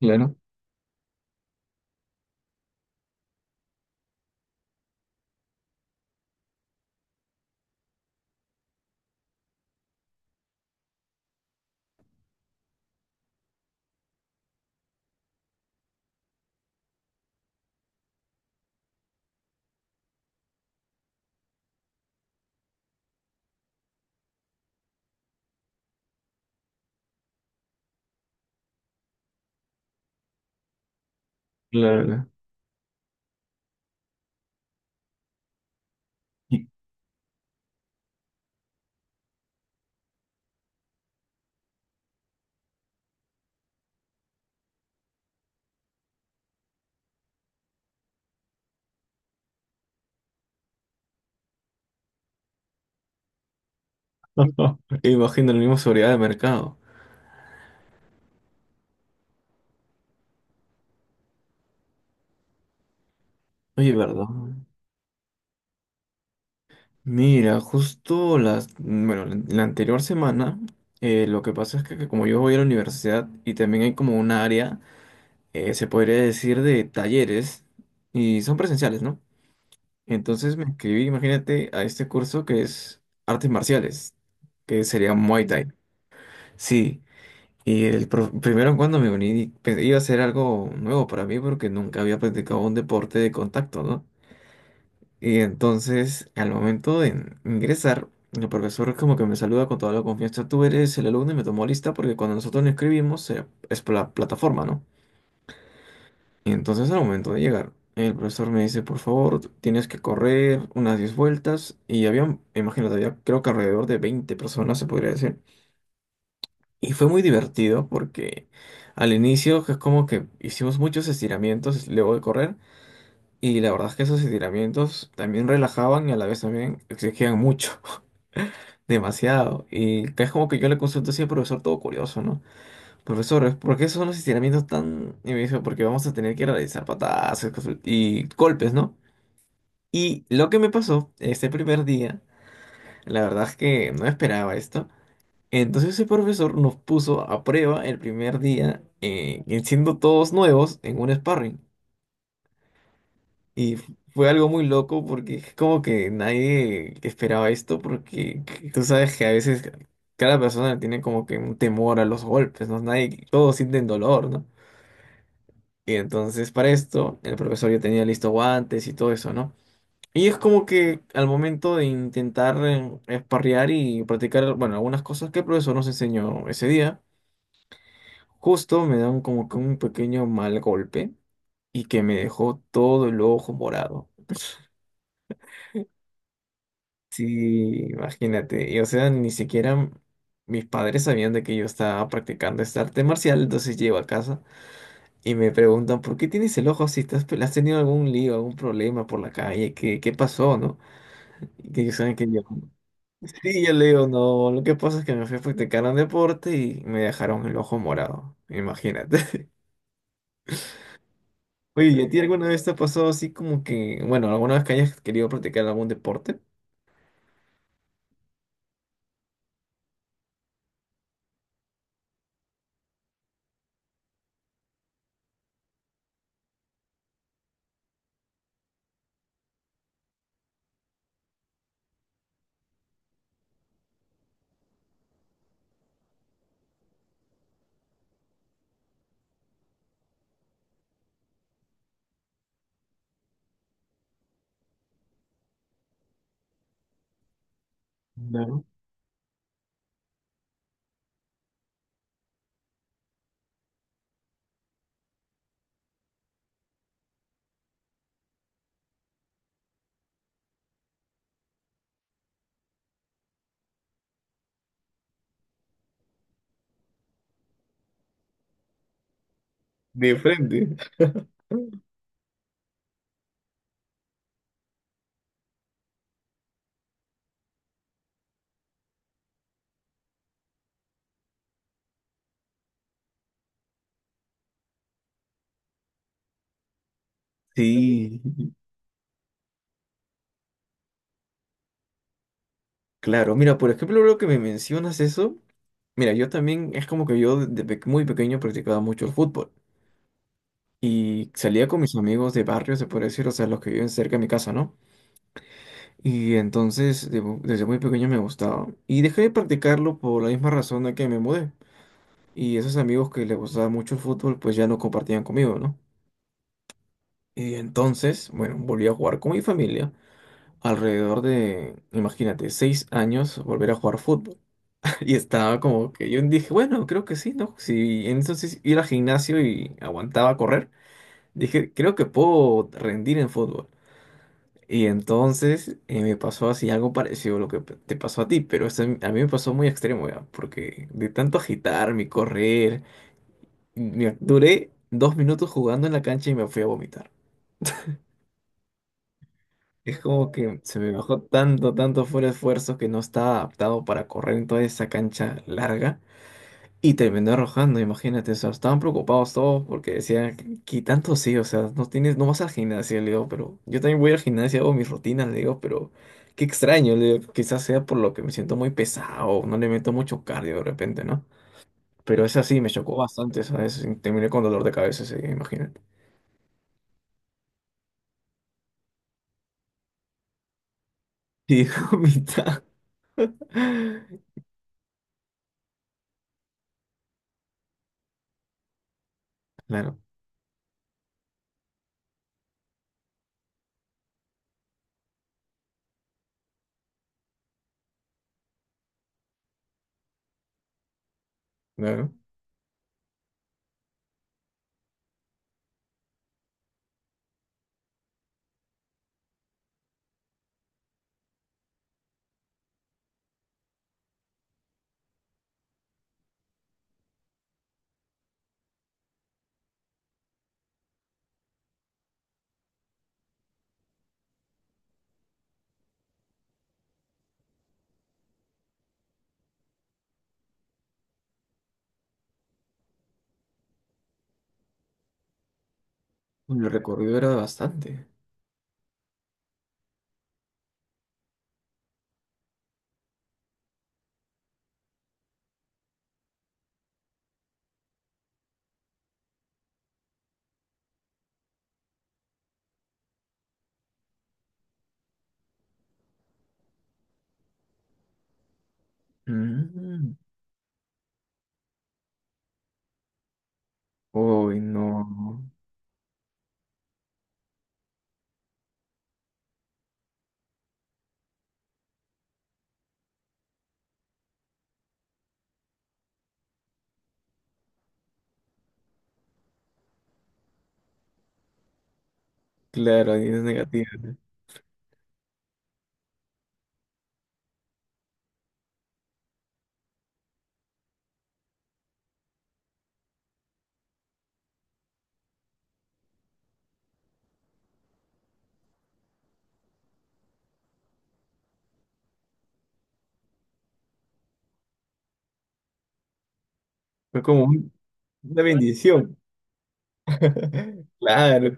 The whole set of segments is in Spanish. Claro, claro, claro. Imagino la misma seguridad de mercado. Oye, ¿verdad? Mira, justo las, bueno, la anterior semana, lo que pasa es que como yo voy a la universidad y también hay como un área, se podría decir de talleres y son presenciales, ¿no? Entonces me inscribí, imagínate, a este curso que es artes marciales, que sería Muay Thai. Sí. Y el primero cuando me uní iba a ser algo nuevo para mí porque nunca había practicado un deporte de contacto, ¿no? Y entonces al momento de ingresar, el profesor como que me saluda con toda la confianza, tú eres el alumno y me tomó lista porque cuando nosotros nos escribimos es por la plataforma, ¿no? Y entonces al momento de llegar, el profesor me dice, por favor, tienes que correr unas 10 vueltas y había, imagínate, había creo que alrededor de 20 personas, se podría decir. Y fue muy divertido porque al inicio es como que hicimos muchos estiramientos luego de correr y la verdad es que esos estiramientos también relajaban y a la vez también exigían mucho, demasiado. Y que es como que yo le consulto así al profesor todo curioso, ¿no? Profesor, ¿por qué son los estiramientos tan... Y me dijo, porque vamos a tener que realizar patadas y golpes, ¿no? Y lo que me pasó este primer día, la verdad es que no esperaba esto. Entonces ese profesor nos puso a prueba el primer día, y siendo todos nuevos, en un sparring. Y fue algo muy loco porque es como que nadie esperaba esto porque tú sabes que a veces cada persona tiene como que un temor a los golpes, ¿no? Nadie, todos sienten dolor, ¿no? Y entonces para esto el profesor ya tenía listo guantes y todo eso, ¿no? Y es como que al momento de intentar sparrear y practicar, bueno, algunas cosas que el profesor nos enseñó ese día. Justo me da como que un pequeño mal golpe y que me dejó todo el ojo morado. Sí, imagínate. Y o sea, ni siquiera mis padres sabían de que yo estaba practicando este arte marcial, entonces llego a casa y me preguntan, ¿por qué tienes el ojo así? ¿Has tenido algún lío, algún problema por la calle? ¿Qué pasó, no? Y que ellos saben que yo... Sí, yo le digo, no, lo que pasa es que me fui a practicar un deporte y me dejaron el ojo morado. Imagínate. Oye, ¿y a ti alguna vez te ha pasado así como que, bueno, alguna vez que hayas querido practicar algún deporte? Claro. De frente. Sí, claro. Mira, por ejemplo, lo que me mencionas eso, mira, yo también es como que yo desde muy pequeño practicaba mucho el fútbol y salía con mis amigos de barrio, se puede decir, o sea, los que viven cerca de mi casa, ¿no? Y entonces desde muy pequeño me gustaba y dejé de practicarlo por la misma razón de que me mudé y esos amigos que les gustaba mucho el fútbol pues ya no compartían conmigo, ¿no? Y entonces, bueno, volví a jugar con mi familia. Alrededor de, imagínate, 6 años volver a jugar fútbol. Y estaba como que yo dije, bueno, creo que sí, ¿no? Si entonces ir al gimnasio y aguantaba correr, dije, creo que puedo rendir en fútbol. Y entonces me pasó así algo parecido a lo que te pasó a ti, pero esto a mí me pasó muy extremo ya, porque de tanto agitarme y correr, duré 2 minutos jugando en la cancha y me fui a vomitar. Es como que se me bajó tanto, tanto fuera de esfuerzo que no estaba adaptado para correr en toda esa cancha larga y terminó arrojando, imagínate, o sea, estaban preocupados todos porque decían, ¿qué tanto sí? O sea, no tienes, no vas al gimnasio, le digo, pero yo también voy al gimnasio, hago mis rutinas, le digo, pero qué extraño, le digo, quizás sea por lo que me siento muy pesado, no le meto mucho cardio de repente, ¿no? Pero es así, me chocó bastante, ¿sabes? Y terminé con dolor de cabeza ese imagínate. Y dijo mitad. Claro, claro. Uy, el recorrido era bastante. Mm. Uy, no. Claro, ahí es negativo, ¿no? Fue como una bendición. Claro.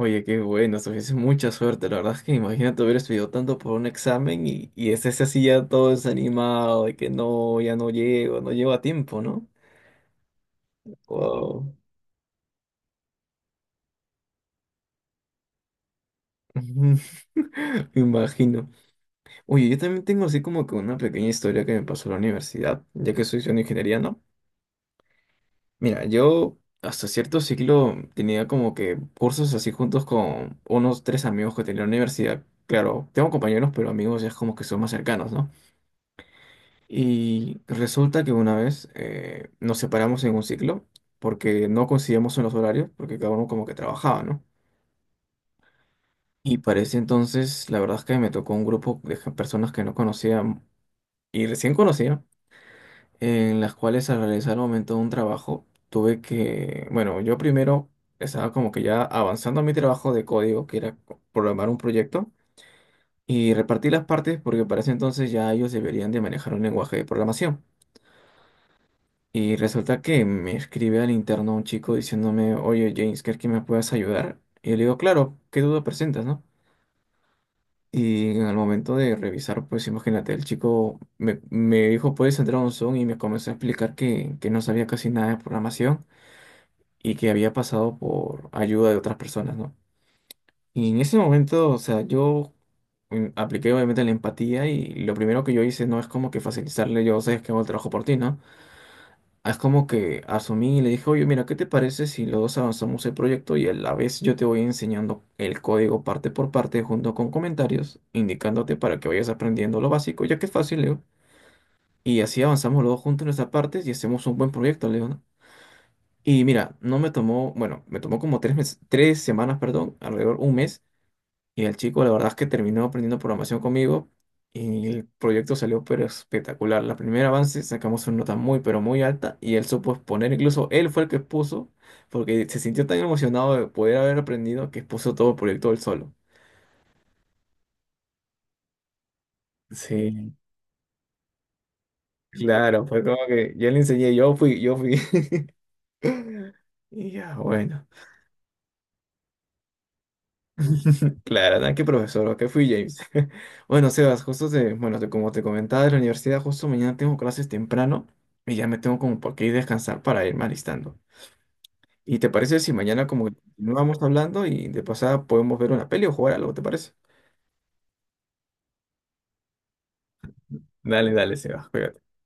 Oye, qué bueno, tuviste mucha suerte. La verdad es que imagínate haber estudiado tanto por un examen y estés así ya todo desanimado de que no, ya no llego, no llego a tiempo, ¿no? Wow. Me imagino. Oye, yo también tengo así como que una pequeña historia que me pasó en la universidad, ya que soy de ingeniería, ¿no? Mira, yo hasta cierto ciclo tenía como que cursos así juntos con unos tres amigos que tenía en la universidad. Claro, tengo compañeros, pero amigos ya es como que son más cercanos, ¿no? Y resulta que una vez nos separamos en un ciclo porque no coincidíamos en los horarios, porque cada uno como que trabajaba, ¿no? Y para ese entonces, la verdad es que me tocó un grupo de personas que no conocía y recién conocía. En las cuales al realizar al momento de un trabajo tuve que, bueno, yo primero estaba como que ya avanzando en mi trabajo de código, que era programar un proyecto, y repartí las partes porque para ese entonces ya ellos deberían de manejar un lenguaje de programación. Y resulta que me escribe al interno un chico diciéndome, oye James, ¿crees que me puedas ayudar? Y yo le digo, claro, ¿qué duda presentas, no? Y al momento de revisar, pues imagínate, el chico me dijo, puedes entrar a un Zoom y me comenzó a explicar que no sabía casi nada de programación y que había pasado por ayuda de otras personas, ¿no? Y en ese momento, o sea, yo apliqué obviamente la empatía y lo primero que yo hice no es como que facilitarle, yo sé que hago el trabajo por ti, ¿no? Es como que asumí y le dije, oye, mira, ¿qué te parece si los dos avanzamos el proyecto y a la vez yo te voy enseñando el código parte por parte junto con comentarios, indicándote para que vayas aprendiendo lo básico, ya que es fácil, Leo. Y así avanzamos los dos juntos en nuestras partes y hacemos un buen proyecto, Leo, ¿no? Y mira, no me tomó, bueno, me tomó como 3 meses, 3 semanas, perdón, alrededor un mes. Y el chico, la verdad es que terminó aprendiendo programación conmigo y el proyecto salió pero espectacular. La primera avance sacamos una nota muy, pero muy alta y él supo exponer, incluso él fue el que expuso, porque se sintió tan emocionado de poder haber aprendido que expuso todo el proyecto él solo. Sí, claro, fue como que yo le enseñé, yo fui, yo fui. Y ya, bueno. Claro, nada, qué profesor, ok, fui James. Bueno, Sebas, justo como te comentaba de la universidad, justo mañana tengo clases temprano y ya me tengo como por qué ir a descansar para irme alistando. ¿Y te parece si mañana como que continuamos hablando y de pasada podemos ver una peli o jugar algo, ¿te parece? Dale, dale, Sebas, cuídate.